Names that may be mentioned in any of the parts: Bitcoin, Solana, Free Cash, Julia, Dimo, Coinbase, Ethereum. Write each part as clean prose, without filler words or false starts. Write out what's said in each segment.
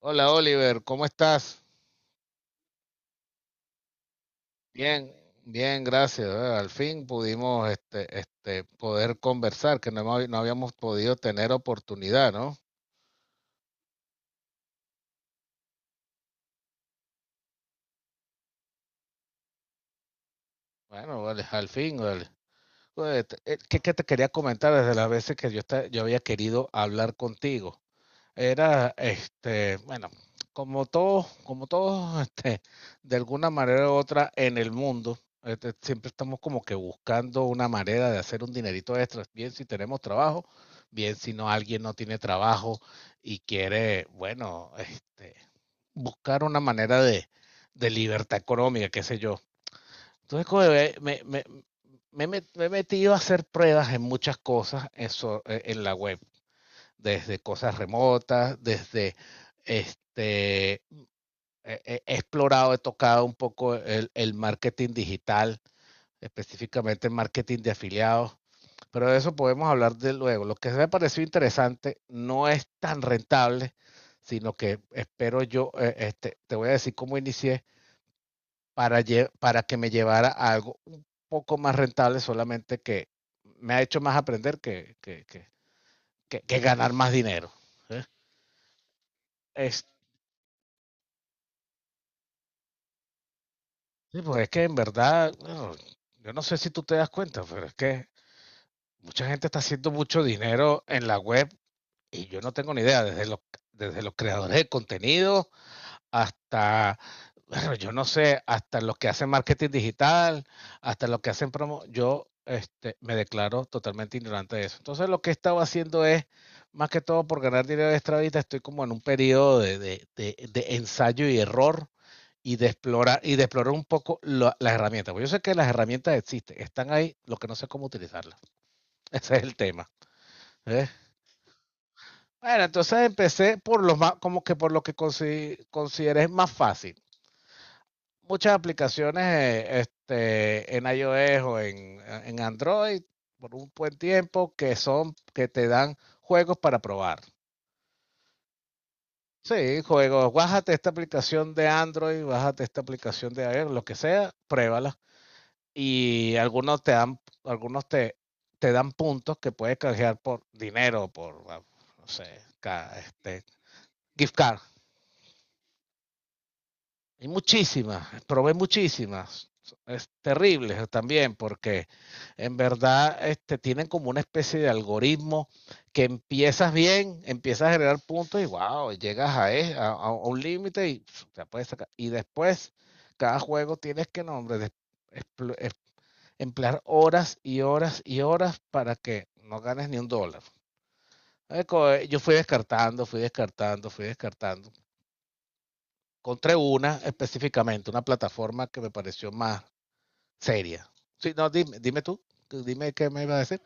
Hola Oliver, ¿cómo estás? Bien, bien, gracias. Al fin pudimos poder conversar, que no, no habíamos podido tener oportunidad, ¿no? Bueno, vale, al fin, vale. Pues, ¿qué te quería comentar desde las veces que yo, yo había querido hablar contigo? Era, bueno, como todos, de alguna manera u otra en el mundo, siempre estamos como que buscando una manera de hacer un dinerito extra, bien si tenemos trabajo, bien si no alguien no tiene trabajo y quiere, bueno, buscar una manera de libertad económica, qué sé yo. Entonces, como que me- me he met- me he metido a hacer pruebas en muchas cosas en la web desde cosas remotas, este, he explorado, he tocado un poco marketing digital, específicamente el marketing de afiliados, pero de eso podemos hablar de luego. Lo que me pareció interesante no es tan rentable, sino que espero yo, te voy a decir cómo inicié para, para que me llevara a algo un poco más rentable, solamente que me ha hecho más aprender que ganar más dinero. ¿Eh? Este, Sí, pues es que en verdad, bueno, yo no sé si tú te das cuenta, pero es que mucha gente está haciendo mucho dinero en la web y yo no tengo ni idea, desde los creadores de contenido hasta, bueno, yo no sé, hasta los que hacen marketing digital, hasta los que hacen promo, yo me declaro totalmente ignorante de eso. Entonces lo que he estado haciendo es, más que todo por ganar dinero extra ahorita, estoy como en un periodo de ensayo y error y de explorar un poco las herramientas. Porque yo sé que las herramientas existen, están ahí, lo que no sé es cómo utilizarlas. Ese es el tema. ¿Eh? Bueno, entonces empecé por lo más, como que por lo que consideré más fácil. Muchas aplicaciones en iOS o en Android por un buen tiempo que son que te dan juegos para probar. Sí, juegos, bájate esta aplicación de Android, bájate esta aplicación de iOS, lo que sea, pruébala y algunos te dan te dan puntos que puedes canjear por dinero, no sé, este, gift card. Hay muchísimas, probé muchísimas. Es terrible también porque en verdad tienen como una especie de algoritmo que empiezas bien, empiezas a generar puntos y wow, llegas a, e- a- a un límite y pf, ya puedes sacar. Y después, cada juego tienes que, no, hombre, explo- em- emplear horas y horas y horas para que no ganes ni un dólar. Yo fui descartando, fui descartando, fui descartando. Encontré una específicamente, una plataforma que me pareció más seria. Sí, no, dime, dime tú, dime qué me iba a decir.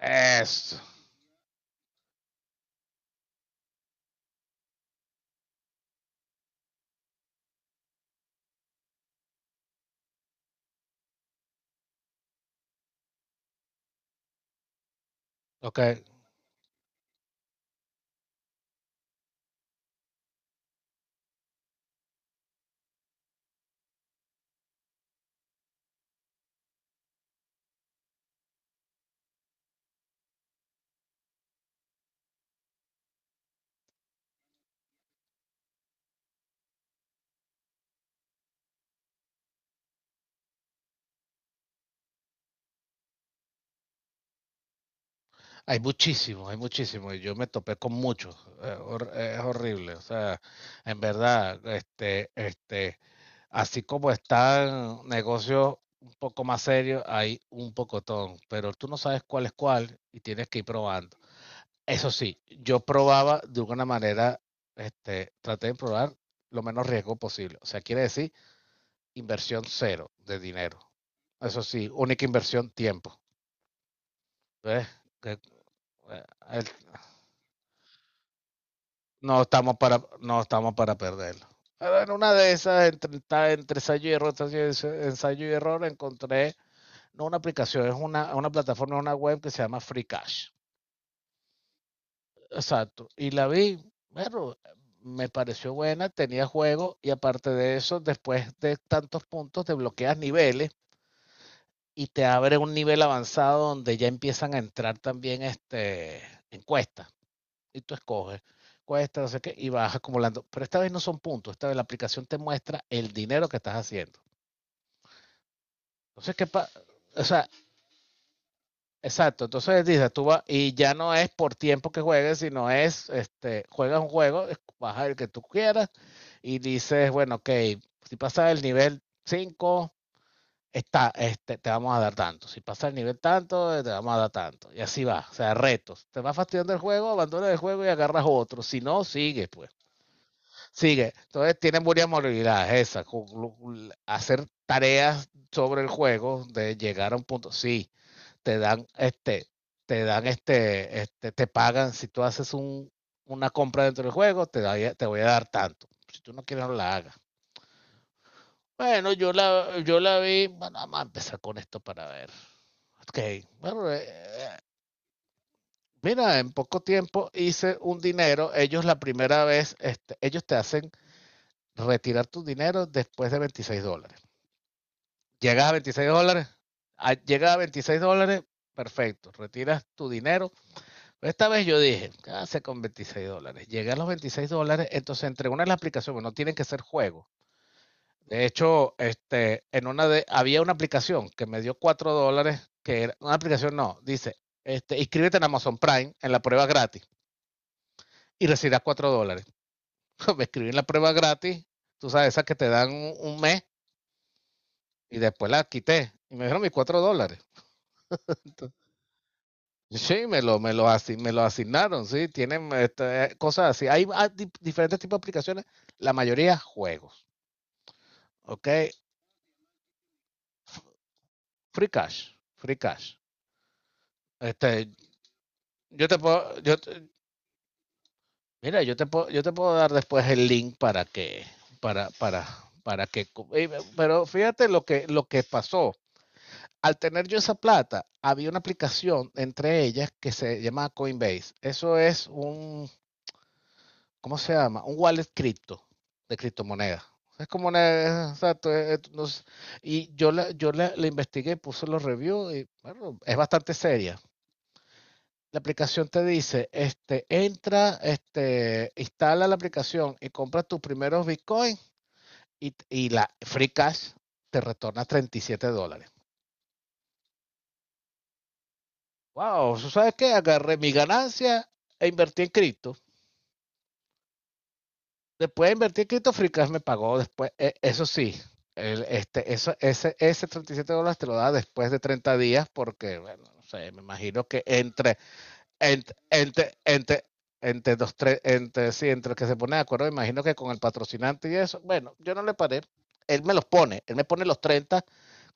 Eso. Ok. Hay muchísimos, hay muchísimos. Y yo me topé con muchos. Es horrible. O sea, en verdad, así como están negocios un poco más serios, hay un pocotón. Pero tú no sabes cuál es cuál y tienes que ir probando. Eso sí, yo probaba de alguna manera, traté de probar lo menos riesgo posible. O sea, quiere decir inversión cero de dinero. Eso sí, única inversión, tiempo. ¿Ves? Que, eh, el- no estamos para, no estamos para perderlo. Pero en una de esas, entre ensayo y error, ensayo y error, encontré no una aplicación, es una plataforma, una web que se llama Free Cash. Exacto. Y la vi, bueno, me pareció buena, tenía juego y aparte de eso, después de tantos puntos, desbloqueas niveles y te abre un nivel avanzado donde ya empiezan a entrar también encuestas. Y tú escoges cuesta, no sé qué, y vas acumulando. Pero esta vez no son puntos, esta vez la aplicación te muestra el dinero que estás haciendo. Entonces, ¿qué pasa? O sea, exacto, entonces dices, tú vas, y ya no es por tiempo que juegues, sino es, juegas un juego, baja el que tú quieras, y dices, bueno, ok, si pasas el nivel 5, está, te vamos a dar tanto, si pasas el nivel tanto, te vamos a dar tanto, y así va, o sea, retos, te vas fastidiando el juego, abandonas el juego y agarras otro, si no, sigue, pues, sigue, entonces tienen varias modalidades esas, hacer tareas sobre el juego, de llegar a un punto, sí, te dan este, te dan te pagan, si tú haces una compra dentro del juego, te voy a dar tanto. Si tú no quieres, no la hagas. Bueno, yo la vi, bueno, vamos a empezar con esto para ver. Ok, bueno, mira, en poco tiempo hice un dinero, ellos la primera vez, ellos te hacen retirar tu dinero después de $26. Llegas a $26, llegas a $26, perfecto, retiras tu dinero. Esta vez yo dije, ah, con $26. Llegué a los $26, entonces entre una de las aplicaciones, no tienen que ser juegos. De hecho, había una aplicación que me dio $4, que era una aplicación, no, dice, inscríbete en Amazon Prime en la prueba gratis y recibirás $4. Me escribí en la prueba gratis, tú sabes, esa que te dan un mes y después la quité y me dieron mis $4. Sí, me lo asignaron, sí, tienen cosas así. Hay, diferentes tipos de aplicaciones, la mayoría juegos, ¿ok? Free Cash, free cash. Este, yo te puedo, yo te- mira, yo te puedo dar después el link para, para, para que, pero fíjate lo que pasó. Al tener yo esa plata, había una aplicación entre ellas que se llama Coinbase. Eso es un ¿cómo se llama? Un wallet cripto, de criptomonedas. Es como una, exacto, no sé. Y la investigué, puse los reviews y bueno, es bastante seria. La aplicación te dice, entra, instala la aplicación y compra tus primeros Bitcoin y la Free Cash te retorna 37 dólares. Wow, ¿sabes qué? Agarré mi ganancia e invertí en cripto. Después de invertir, Crypto me pagó después, eso sí, ese $37 te lo da después de 30 días porque, bueno, no sé, me imagino que entre, entre, entre, entre dos, tres, entre, sí, entre el que se pone de acuerdo, me imagino que con el patrocinante y eso, bueno, yo no le paré, él me pone los 30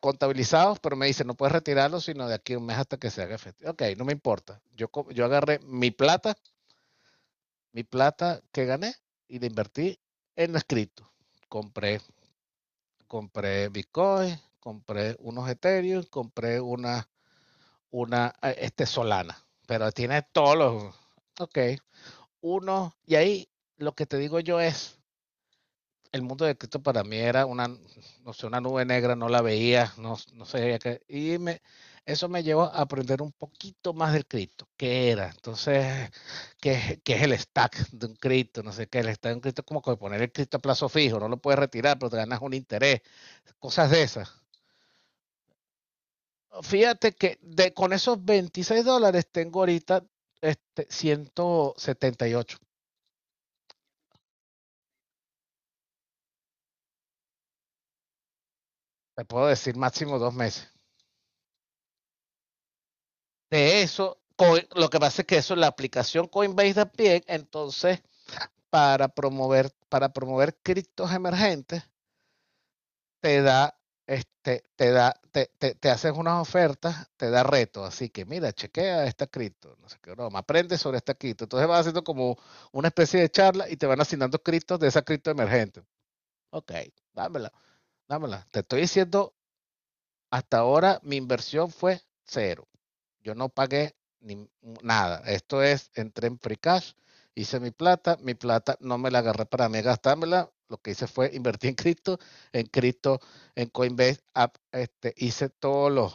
contabilizados, pero me dice, no puedes retirarlos sino de aquí a un mes hasta que se haga efectivo. Ok, no me importa, yo agarré mi plata, mi plata que gané y la invertí en las cripto. Compré, compré Bitcoin, compré unos Ethereum, compré una Solana, pero tiene todos los, ok, uno, y ahí lo que te digo yo es, el mundo de Cristo para mí era una, no sé, una nube negra, no la veía, no, no sabía qué. Eso me llevó a aprender un poquito más del Cristo, qué era, entonces, qué es el stack de un Cristo, no sé qué, el stack de un Cristo es como que poner el Cristo a plazo fijo, no lo puedes retirar, pero te ganas un interés, cosas de esas. Fíjate con esos 26 dólares tengo ahorita 178. Te puedo decir máximo 2 meses. De eso, lo que pasa es que eso, es la aplicación Coinbase también, entonces, para promover criptos emergentes, te da, este, te da, te haces unas ofertas, te da retos. Así que mira, chequea esta cripto, no sé qué broma, aprende sobre esta cripto. Entonces vas haciendo como una especie de charla y te van asignando criptos de esa cripto emergente. Ok, dámela, dámela. Te estoy diciendo, hasta ahora mi inversión fue cero. Yo no pagué ni nada. Esto es, entré en free cash, hice mi plata no me la agarré para mí gastármela. Lo que hice fue invertir en cripto, en cripto, en Coinbase, app, hice todas las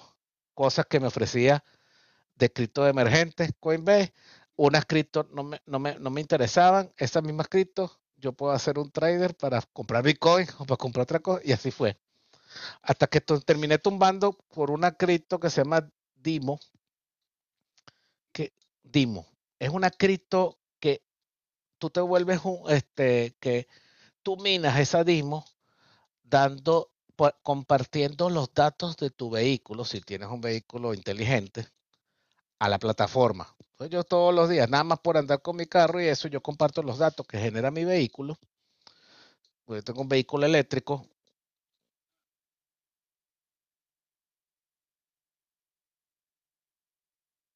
cosas que me ofrecía de cripto de emergentes, Coinbase. Unas cripto no me interesaban, esas mismas criptos yo puedo hacer un trader para comprar Bitcoin o para comprar otra cosa, y así fue. Hasta que terminé tumbando por una cripto que se llama Dimo, que Dimo, es una cripto que tú te vuelves un, este, que tú minas esa Dimo dando, compartiendo los datos de tu vehículo, si tienes un vehículo inteligente, a la plataforma. Entonces, yo todos los días, nada más por andar con mi carro y eso, yo comparto los datos que genera mi vehículo. Yo tengo un vehículo eléctrico,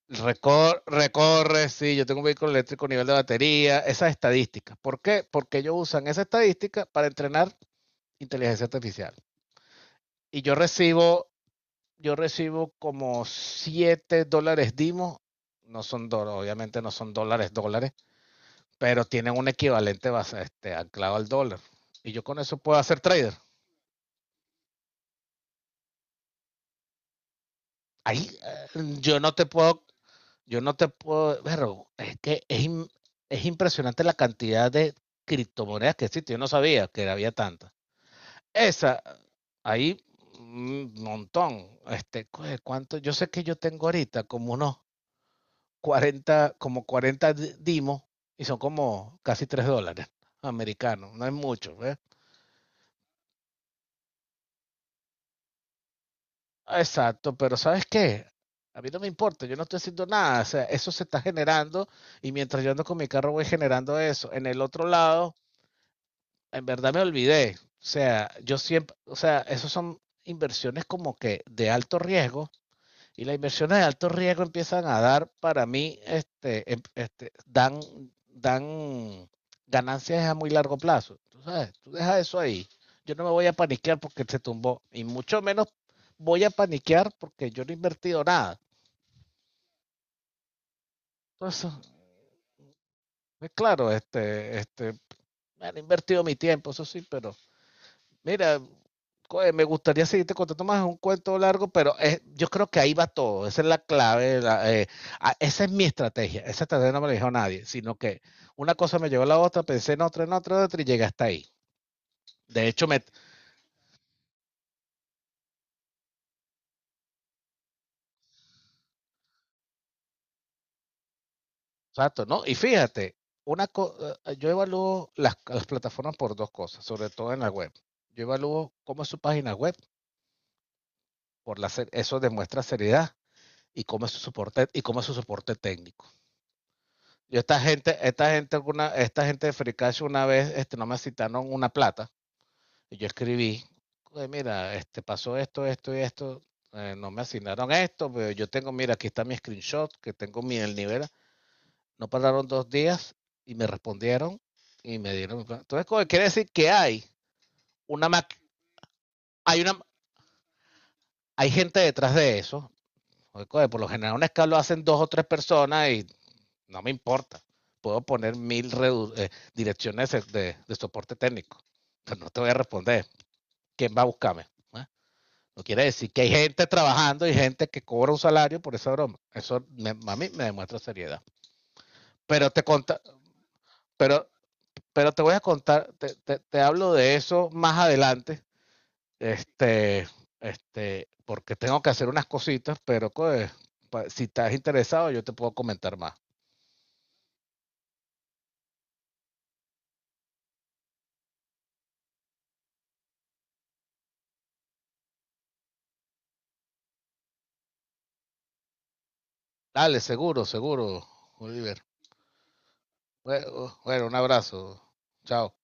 recorre, sí, yo tengo un vehículo eléctrico, nivel de batería, esas estadísticas. ¿Por qué? Porque ellos usan esa estadística para entrenar inteligencia artificial. Y yo recibo como $7 Dimo, no son dólares, obviamente no son dólares, dólares, pero tienen un equivalente base, anclado al dólar. Y yo con eso puedo hacer trader. Ahí, eh, yo no te puedo, yo no te puedo, pero es que es impresionante la cantidad de criptomonedas que existe. Yo no sabía que había tantas. Esa, ahí, un montón. ¿Cuánto? Yo sé que yo tengo ahorita como unos 40 como 40 dimos y son como casi $3 americanos, no es mucho, ¿ves? Exacto, pero ¿sabes qué? A mí no me importa, yo no estoy haciendo nada, o sea, eso se está generando y mientras yo ando con mi carro voy generando eso. En el otro lado, en verdad me olvidé, o sea, yo siempre, o sea, esos son inversiones como que de alto riesgo. Y las inversiones de alto riesgo empiezan a dar, para mí, dan ganancias a muy largo plazo. Tú sabes, tú dejas eso ahí. Yo no me voy a paniquear porque se tumbó. Y mucho menos voy a paniquear porque yo no he invertido nada. Entonces, pues claro, me han invertido mi tiempo, eso sí, pero mira, me gustaría seguirte contando más, es un cuento largo, pero yo creo que ahí va todo, esa es la clave, esa es mi estrategia, esa estrategia no me la dijo nadie, sino que una cosa me llevó a la otra, pensé en otra, en otra, en otra y llegué hasta ahí. De hecho, exacto, ¿no? Y fíjate, una co- yo evalúo las plataformas por dos cosas, sobre todo en la web. Yo evalúo cómo es su página web, eso demuestra seriedad, y cómo es su soporte y cómo es su soporte técnico. Yo esta gente, una, Esta gente de Free una vez, no me citaron una plata y yo escribí: "Oye, mira, pasó esto, esto y esto, no me asignaron esto, pero yo tengo, mira, aquí está mi screenshot, que tengo mi el nivel". No pararon 2 días y me respondieron y me dieron mi plata. Entonces, coño, quiere decir que hay una, ma- hay una, hay gente detrás de eso. Oye, coño, por lo general un escalo hacen dos o tres personas. Y no me importa. Puedo poner mil redu direcciones soporte técnico. Pero no te voy a responder. ¿Quién va a buscarme? ¿Eh? No quiere decir que hay gente trabajando y gente que cobra un salario por esa broma. Eso, a mí me demuestra seriedad. Pero te conta, pero, pero te voy a contar, te hablo de eso más adelante. Este, Porque tengo que hacer unas cositas, pero pues, si estás interesado, yo te puedo comentar más. Dale, seguro, seguro, Oliver. Bue- Bueno, un abrazo. Chao.